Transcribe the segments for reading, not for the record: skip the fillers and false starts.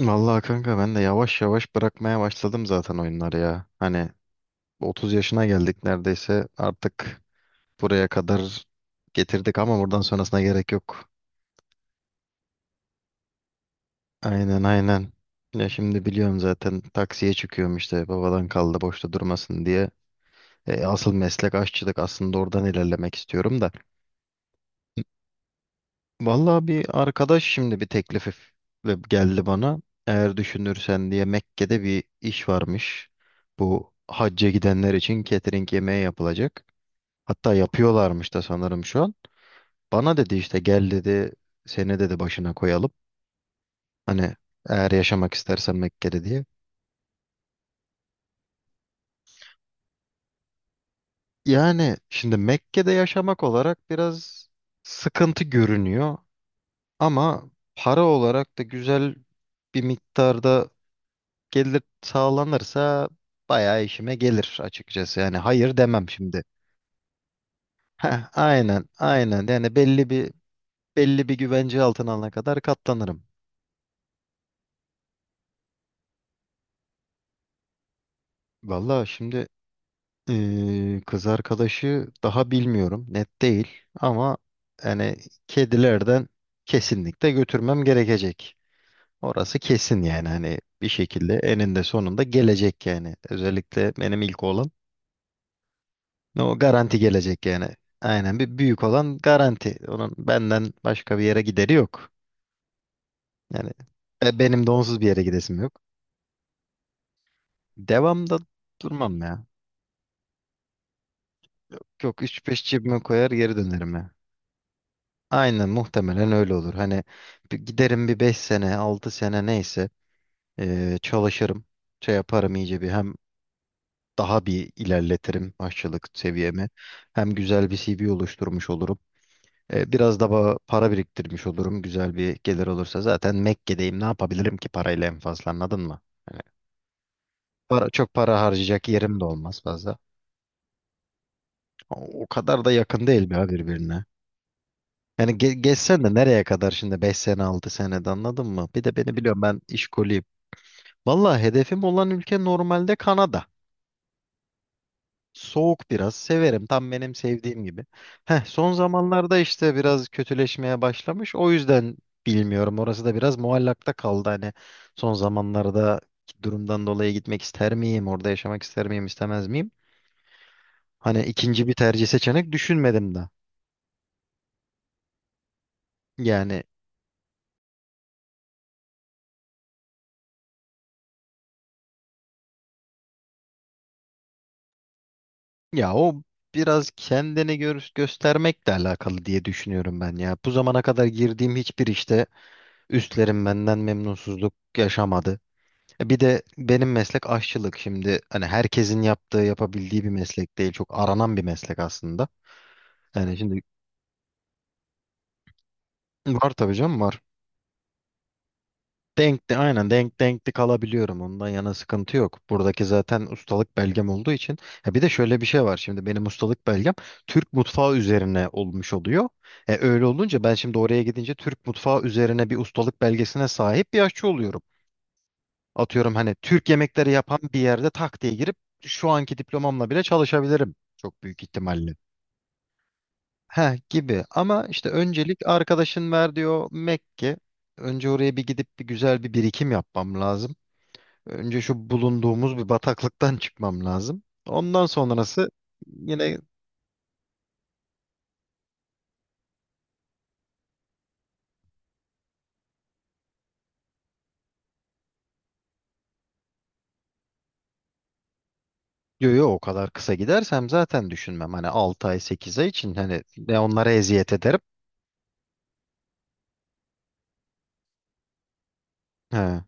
Vallahi kanka ben de yavaş yavaş bırakmaya başladım zaten oyunları ya. Hani 30 yaşına geldik neredeyse. Artık buraya kadar getirdik ama buradan sonrasına gerek yok. Aynen, aynen. Ya şimdi biliyorum, zaten taksiye çıkıyorum işte, babadan kaldı boşta durmasın diye. Asıl meslek aşçılık aslında, oradan ilerlemek istiyorum da. Vallahi bir arkadaş şimdi bir teklifi geldi bana. Eğer düşünürsen diye Mekke'de bir iş varmış. Bu hacca gidenler için catering yemeği yapılacak. Hatta yapıyorlarmış da sanırım şu an. Bana dedi işte gel dedi, seni dedi başına koyalım. Hani eğer yaşamak istersen Mekke'de diye. Yani şimdi Mekke'de yaşamak olarak biraz sıkıntı görünüyor. Ama para olarak da güzel bir miktarda gelir sağlanırsa bayağı işime gelir, açıkçası. Yani hayır demem şimdi. Heh, aynen, aynen. Yani belli bir güvence altına alana kadar katlanırım. Valla şimdi kız arkadaşı daha bilmiyorum, net değil. Ama yani kedilerden kesinlikle götürmem gerekecek. Orası kesin, yani hani bir şekilde eninde sonunda gelecek yani. Özellikle benim ilk oğlan, o garanti gelecek yani. Aynen, bir büyük olan garanti. Onun benden başka bir yere gideri yok. Yani benim de onsuz bir yere gidesim yok. Devamda durmam ya. Çok üç beş cebime koyar geri dönerim ya. Aynen, muhtemelen öyle olur. Hani bir giderim, bir 5 sene 6 sene neyse çalışırım. Şey yaparım, iyice bir hem daha bir ilerletirim aşçılık seviyemi. Hem güzel bir CV oluşturmuş olurum. Biraz da para biriktirmiş olurum, güzel bir gelir olursa. Zaten Mekke'deyim, ne yapabilirim ki parayla en fazla, anladın mı? Hani para, çok para harcayacak yerim de olmaz fazla. O kadar da yakın değil ya birbirine. Yani geçsen de nereye kadar şimdi 5 sene 6 senede, anladın mı? Bir de beni biliyorum, ben işkoliyim. Valla hedefim olan ülke normalde Kanada. Soğuk biraz severim, tam benim sevdiğim gibi. Heh, son zamanlarda işte biraz kötüleşmeye başlamış. O yüzden bilmiyorum, orası da biraz muallakta kaldı. Hani son zamanlarda durumdan dolayı gitmek ister miyim? Orada yaşamak ister miyim, istemez miyim? Hani ikinci bir tercih, seçenek düşünmedim de. Yani ya o biraz kendini göstermekle alakalı diye düşünüyorum ben ya. Bu zamana kadar girdiğim hiçbir işte üstlerim benden memnunsuzluk yaşamadı. Bir de benim meslek aşçılık. Şimdi hani herkesin yaptığı, yapabildiği bir meslek değil. Çok aranan bir meslek aslında. Yani şimdi, var tabii canım, var. Denkti, aynen denkti kalabiliyorum. Ondan yana sıkıntı yok. Buradaki zaten ustalık belgem olduğu için. Ha, bir de şöyle bir şey var. Şimdi benim ustalık belgem Türk mutfağı üzerine olmuş oluyor. Öyle olunca ben şimdi oraya gidince Türk mutfağı üzerine bir ustalık belgesine sahip bir aşçı oluyorum. Atıyorum, hani Türk yemekleri yapan bir yerde tak diye girip şu anki diplomamla bile çalışabilirim çok büyük ihtimalle. Heh, gibi ama işte öncelik, arkadaşın ver diyor Mekke. Önce oraya bir gidip bir güzel bir birikim yapmam lazım. Önce şu bulunduğumuz bir bataklıktan çıkmam lazım. Ondan sonrası yine, diyor "Yo, o kadar kısa gidersem zaten düşünmem. Hani 6 ay 8 ay için, hani ve onlara eziyet ederim." He,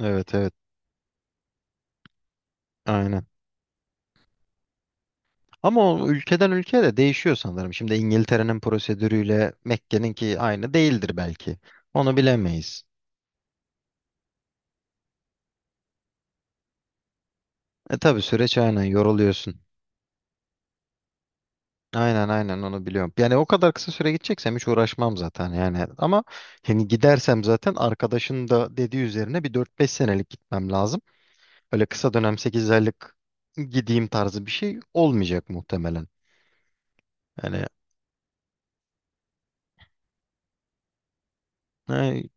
evet, evet, aynen. Ama o ülkeden ülkeye de değişiyor sanırım. Şimdi İngiltere'nin prosedürüyle Mekke'ninki aynı değildir belki. Onu bilemeyiz. E tabii, süreç aynen yoruluyorsun. Aynen, aynen, onu biliyorum. Yani o kadar kısa süre gideceksem hiç uğraşmam zaten yani. Ama hani gidersem zaten, arkadaşın da dediği üzerine bir 4-5 senelik gitmem lazım. Öyle kısa dönem 8 aylık gideyim tarzı bir şey olmayacak muhtemelen. Yani.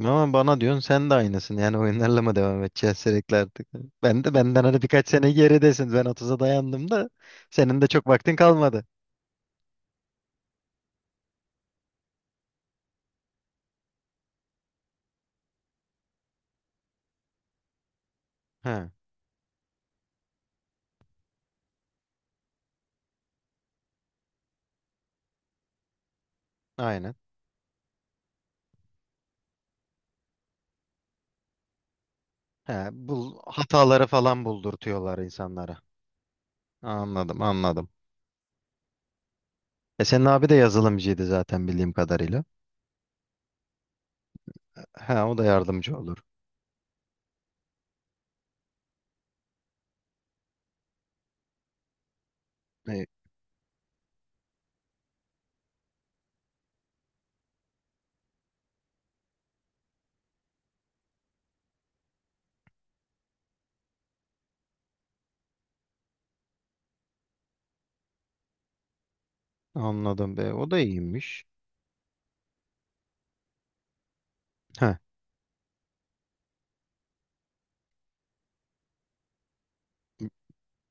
Ama bana diyorsun sen de aynısın. Yani oyunlarla mı devam edeceğiz sürekli artık? Ben de, benden hani birkaç sene geridesin. Ben 30'a dayandım da, senin de çok vaktin kalmadı. He, aynen. He, bu hataları falan buldurtuyorlar insanlara. Anladım, anladım. Senin abi de yazılımcıydı zaten bildiğim kadarıyla. He, o da yardımcı olur. E, Anladım be. O da iyiymiş. He,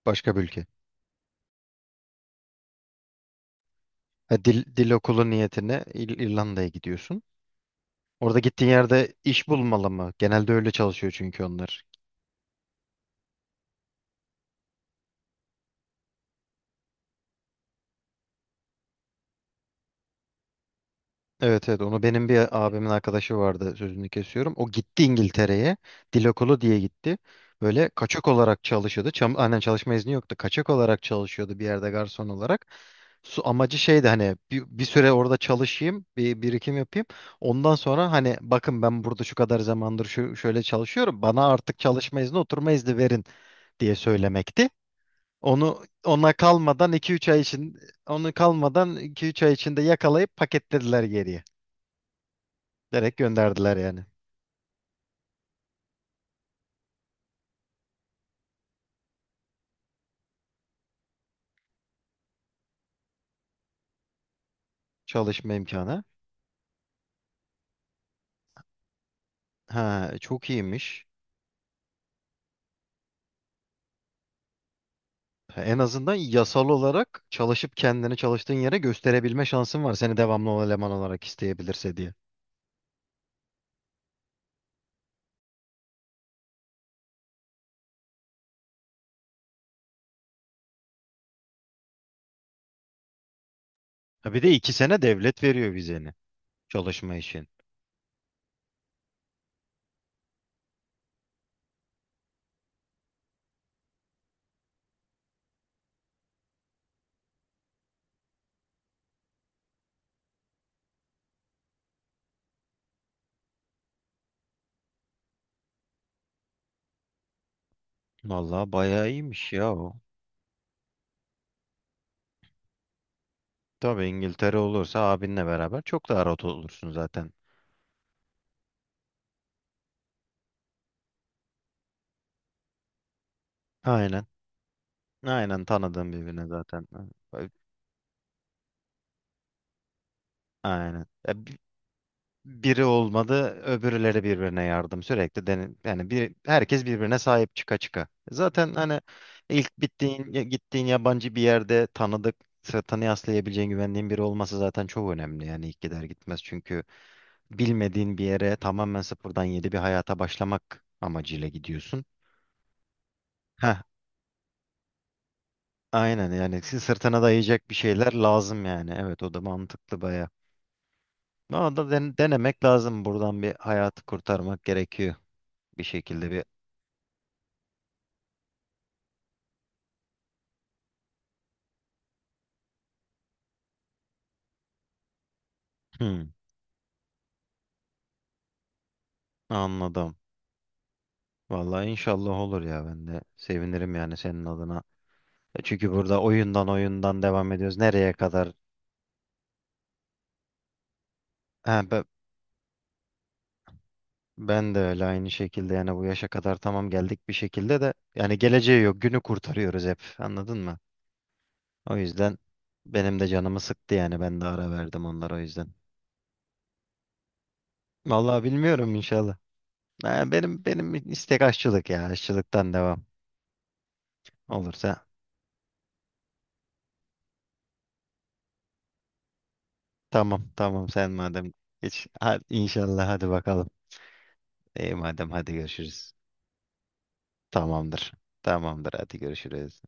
başka bir ülke. He, dil okulu niyetine İrlanda'ya gidiyorsun. Orada gittiğin yerde iş bulmalı mı? Genelde öyle çalışıyor çünkü onlar. Evet, evet, onu benim bir abimin arkadaşı vardı, sözünü kesiyorum. O gitti İngiltere'ye, dil okulu diye gitti. Böyle kaçak olarak çalışıyordu. Aynen, çalışma izni yoktu. Kaçak olarak çalışıyordu bir yerde garson olarak. Amacı şeydi, hani bir süre orada çalışayım, bir birikim yapayım. Ondan sonra hani "Bakın, ben burada şu kadar zamandır şu şöyle çalışıyorum. Bana artık çalışma izni, oturma izni verin" diye söylemekti. Onu ona kalmadan 2-3 ay için onu kalmadan 2-3 ay içinde yakalayıp paketlediler geriye. Direkt gönderdiler yani, çalışma imkanı. Ha, çok iyiymiş. Ha, en azından yasal olarak çalışıp kendini çalıştığın yere gösterebilme şansın var. Seni devamlı eleman olarak isteyebilirse diye. Ha, bir de iki sene devlet veriyor vizeni, çalışma için. Vallahi bayağı iyiymiş ya o. Tabii, İngiltere olursa abinle beraber çok daha rahat olursun zaten. Aynen. Aynen, tanıdığım birbirine zaten. Aynen. Biri olmadı, öbürleri birbirine yardım sürekli, yani bir herkes birbirine sahip çıka çıka. Zaten hani ilk gittiğin yabancı bir yerde tanıdık, sırtını yaslayabileceğin, güvendiğin biri olması zaten çok önemli. Yani ilk gider gitmez çünkü bilmediğin bir yere tamamen sıfırdan yeni bir hayata başlamak amacıyla gidiyorsun. Heh, aynen, yani sırtına dayayacak bir şeyler lazım yani. Evet, o da mantıklı baya. Ama da denemek lazım, buradan bir hayatı kurtarmak gerekiyor bir şekilde bir. Hı. Anladım. Vallahi inşallah olur ya, ben de sevinirim yani senin adına. Çünkü burada oyundan devam ediyoruz. Nereye kadar? Ha, ben de öyle aynı şekilde yani bu yaşa kadar tamam geldik bir şekilde de, yani geleceği yok, günü kurtarıyoruz hep, anladın mı? O yüzden benim de canımı sıktı yani, ben de ara verdim onlara o yüzden. Vallahi bilmiyorum, inşallah. Ha, benim istek aşçılık ya, aşçılıktan devam olursa. Tamam, tamam, sen madem geç. Hadi, inşallah, hadi bakalım. İyi madem, hadi görüşürüz. Tamamdır. Tamamdır, hadi görüşürüz.